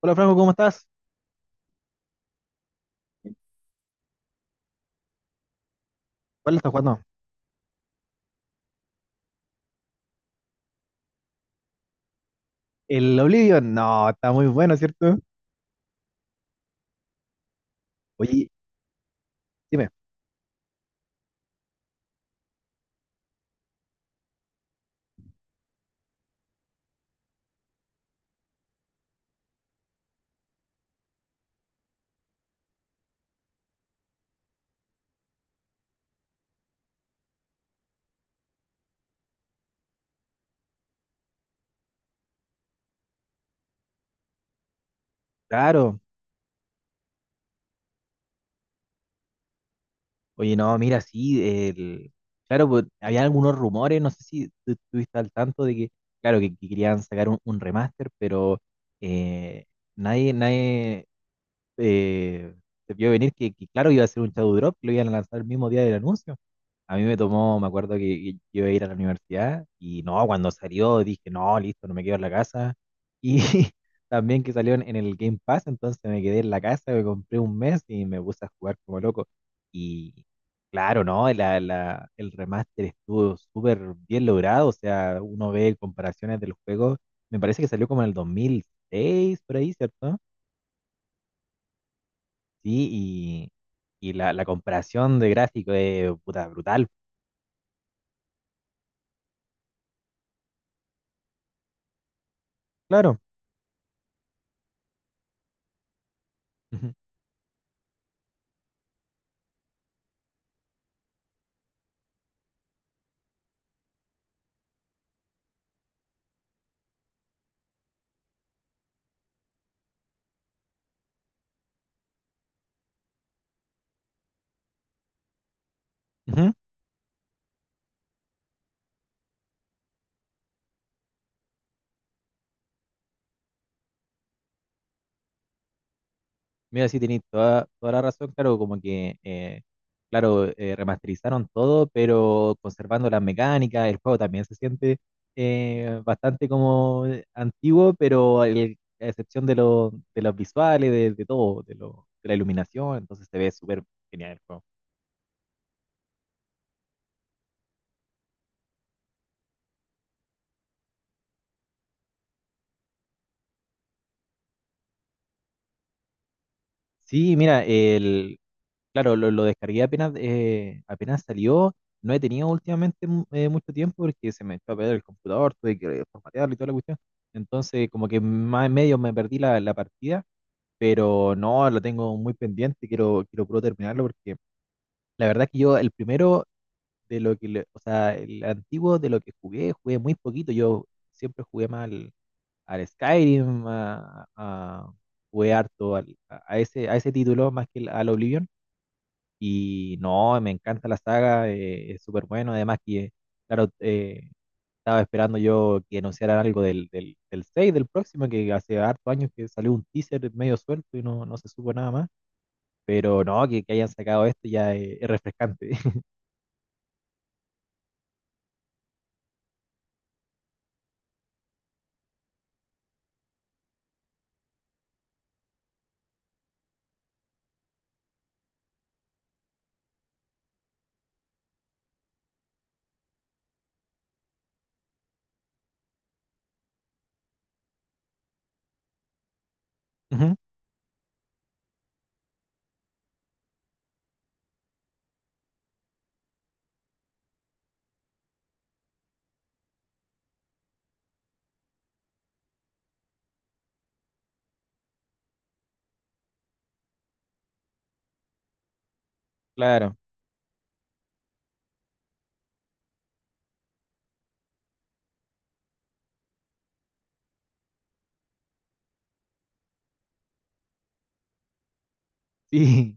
Hola Franco, ¿cómo estás? ¿Cuál estás jugando? El Oblivion. No, está muy bueno, ¿cierto? Oye, dime. Claro. Oye, no, mira, sí, el... claro, pues, había algunos rumores, no sé si tú estuviste al tanto de que, claro, que querían sacar un remaster, pero eh, nadie, eh, se vio venir que, claro, iba a ser un Shadow Drop, que lo iban a lanzar el mismo día del anuncio. A mí me tomó, me acuerdo que iba a ir a la universidad y no, cuando salió dije, no, listo, no me quedo en la casa. Y también que salió en el Game Pass, entonces me quedé en la casa, me compré un mes y me puse a jugar como loco. Y claro, ¿no? El remaster estuvo súper bien logrado, o sea, uno ve comparaciones del juego, me parece que salió como en el 2006, por ahí, ¿cierto? Sí, y la comparación de gráfico es puta, brutal. Claro. Ujú, ujú. Mira, sí, tenéis toda, toda la razón. Claro, como que, claro, remasterizaron todo, pero conservando las mecánicas. El juego también se siente bastante como antiguo, pero a excepción de, de los visuales, de todo, de, de la iluminación, entonces se ve súper genial el juego. Sí, mira, el claro, lo descargué apenas, apenas salió. No he tenido últimamente mucho tiempo porque se me echó a perder el computador, tuve que formatearlo y toda la cuestión. Entonces, como que más en medio me perdí la partida, pero no, lo tengo muy pendiente, quiero puro terminarlo porque la verdad es que yo el primero de lo que, o sea, el antiguo de lo que jugué, jugué muy poquito. Yo siempre jugué más al Skyrim, jugué harto a ese título más que al Oblivion y no, me encanta la saga, es súper bueno. Además que, claro, estaba esperando yo que anunciaran algo del 6 del próximo, que hace harto años que salió un teaser medio suelto y no, no se supo nada más. Pero no, que hayan sacado esto ya es refrescante. Ujú. Claro, sí.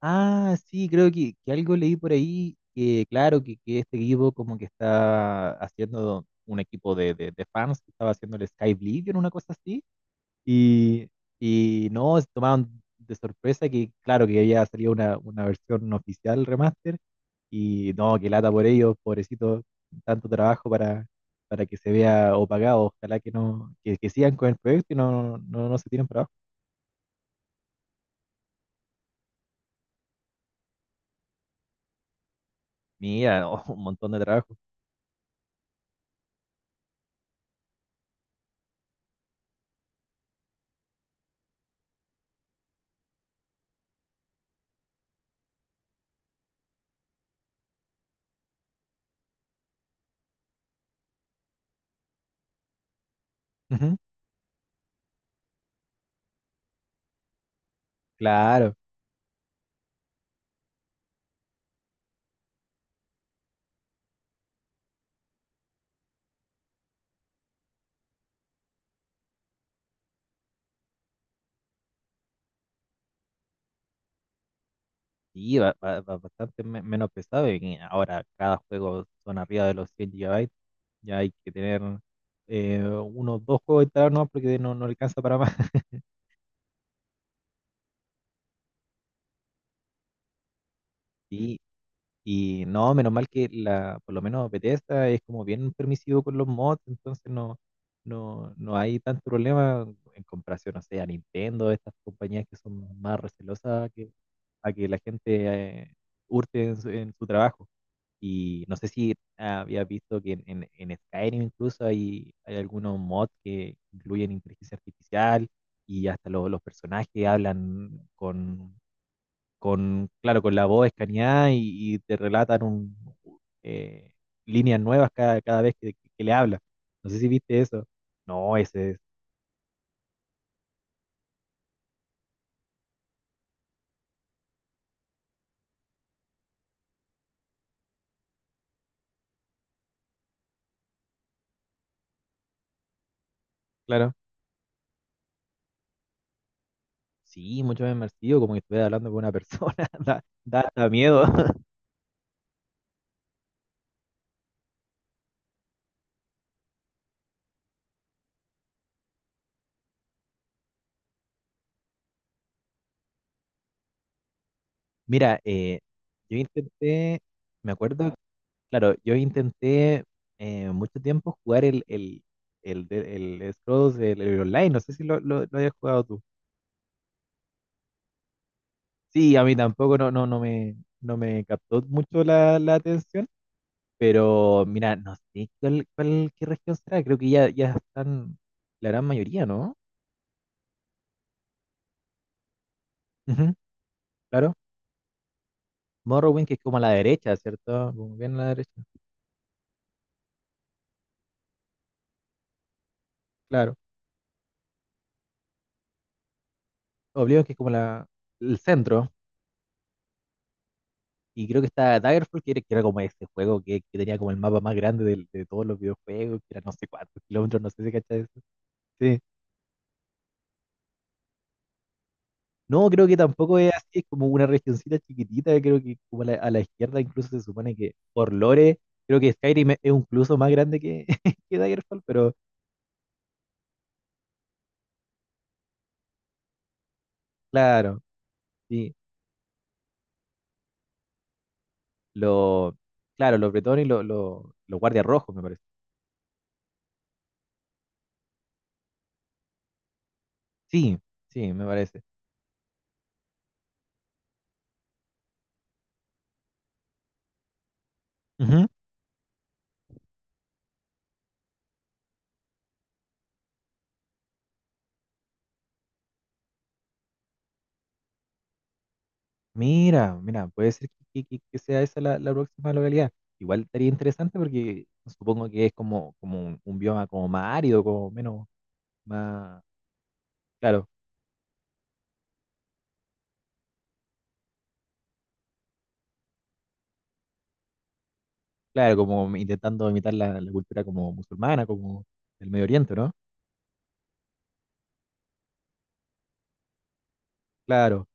Ah, sí, creo que algo leí por ahí que, claro, que este equipo como que está haciendo un equipo de, de fans, que estaba haciendo el Sky en una cosa así. Y, y no, se tomaron de sorpresa que, claro, que había salido una versión oficial remaster. Y no, que lata por ellos, pobrecito, tanto trabajo para que se vea opacado. Ojalá que no, que sigan con el proyecto y no, no, no se tiren para abajo. Mira, oh, un montón de trabajo. Ujú. Claro, y va va ba- bastante me- menos pesado. Y ahora cada juego son arriba de los 100 gigabytes. Ya hay que tener unos dos juegos instalados, no, porque no, no alcanza para más. Sí. Y no, menos mal que la, por lo menos Bethesda es como bien permisivo con los mods, entonces no, no, no hay tanto problema en comparación, no sé, a Nintendo, estas compañías que son más recelosas que, a que la gente eh, hurte en su trabajo. Y no sé si habías visto que en Skyrim incluso hay, hay algunos mods que incluyen inteligencia artificial y hasta los personajes hablan con, claro, con la voz escaneada y te relatan eh, líneas nuevas cada, cada vez que le habla. No sé si viste eso. No, ese es, claro. Sí, mucho más inmersivo, como que estuviera hablando con una persona, da, da hasta miedo. Mira, yo intenté, me acuerdo, claro, yo intenté mucho tiempo jugar el, de- el Scrolls, el online, no sé si lo, lo hayas jugado tú. Sí, a mí tampoco no, no, no me, no me captó mucho la atención, pero mira, no sé cuál, qué región será, creo que ya, ya están la gran mayoría, ¿no? Ujú, claro. Morrowind, que es como a la derecha, ¿cierto? Como bien a la derecha. Claro. Oblivion, que es como el centro. Y creo que está Daggerfall, que era como ese juego que tenía como el mapa más grande de todos los videojuegos, que era no sé cuántos kilómetros, no sé si cachas eso. Sí. No, creo que tampoco es así, es como una regioncita chiquitita, creo que como a la izquierda incluso se supone que por lore, creo que Skyrim es incluso más grande que, que Daggerfall, pero claro, sí, lo, claro, los bretones y los guardias rojos, me parece. Sí, sí, me parece. Ujú. Mira, mira, puede ser que, que sea esa la próxima localidad. Igual estaría interesante porque supongo que es como, como un bioma como más árido, como menos, más, claro. Claro, como intentando imitar la cultura como musulmana, como del Medio Oriente, ¿no? Claro,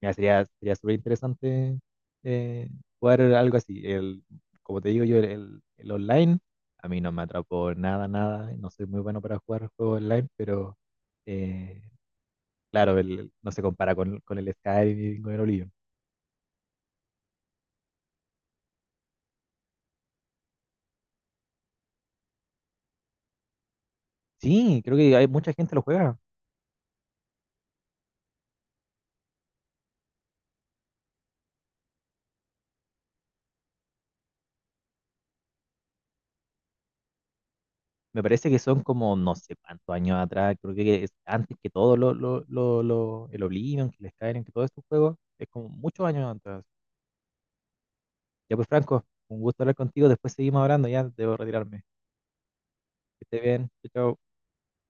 mira, sería, sería súper interesante eh, jugar algo así. El, como te digo yo, el online, a mí no me atrapó nada, nada. No soy muy bueno para jugar juegos online, pero eh, claro, no se compara con el Skyrim y con el Oblivion. Sí, creo que hay mucha gente lo juega. Me parece que son como no sé cuántos años atrás, creo que es antes que todo lo, el Oblivion, que el Skyrim, que todos estos juegos, es como muchos años antes. Ya pues Franco, un gusto hablar contigo, después seguimos hablando, ya debo retirarme. Que estés bien, chao. Chao.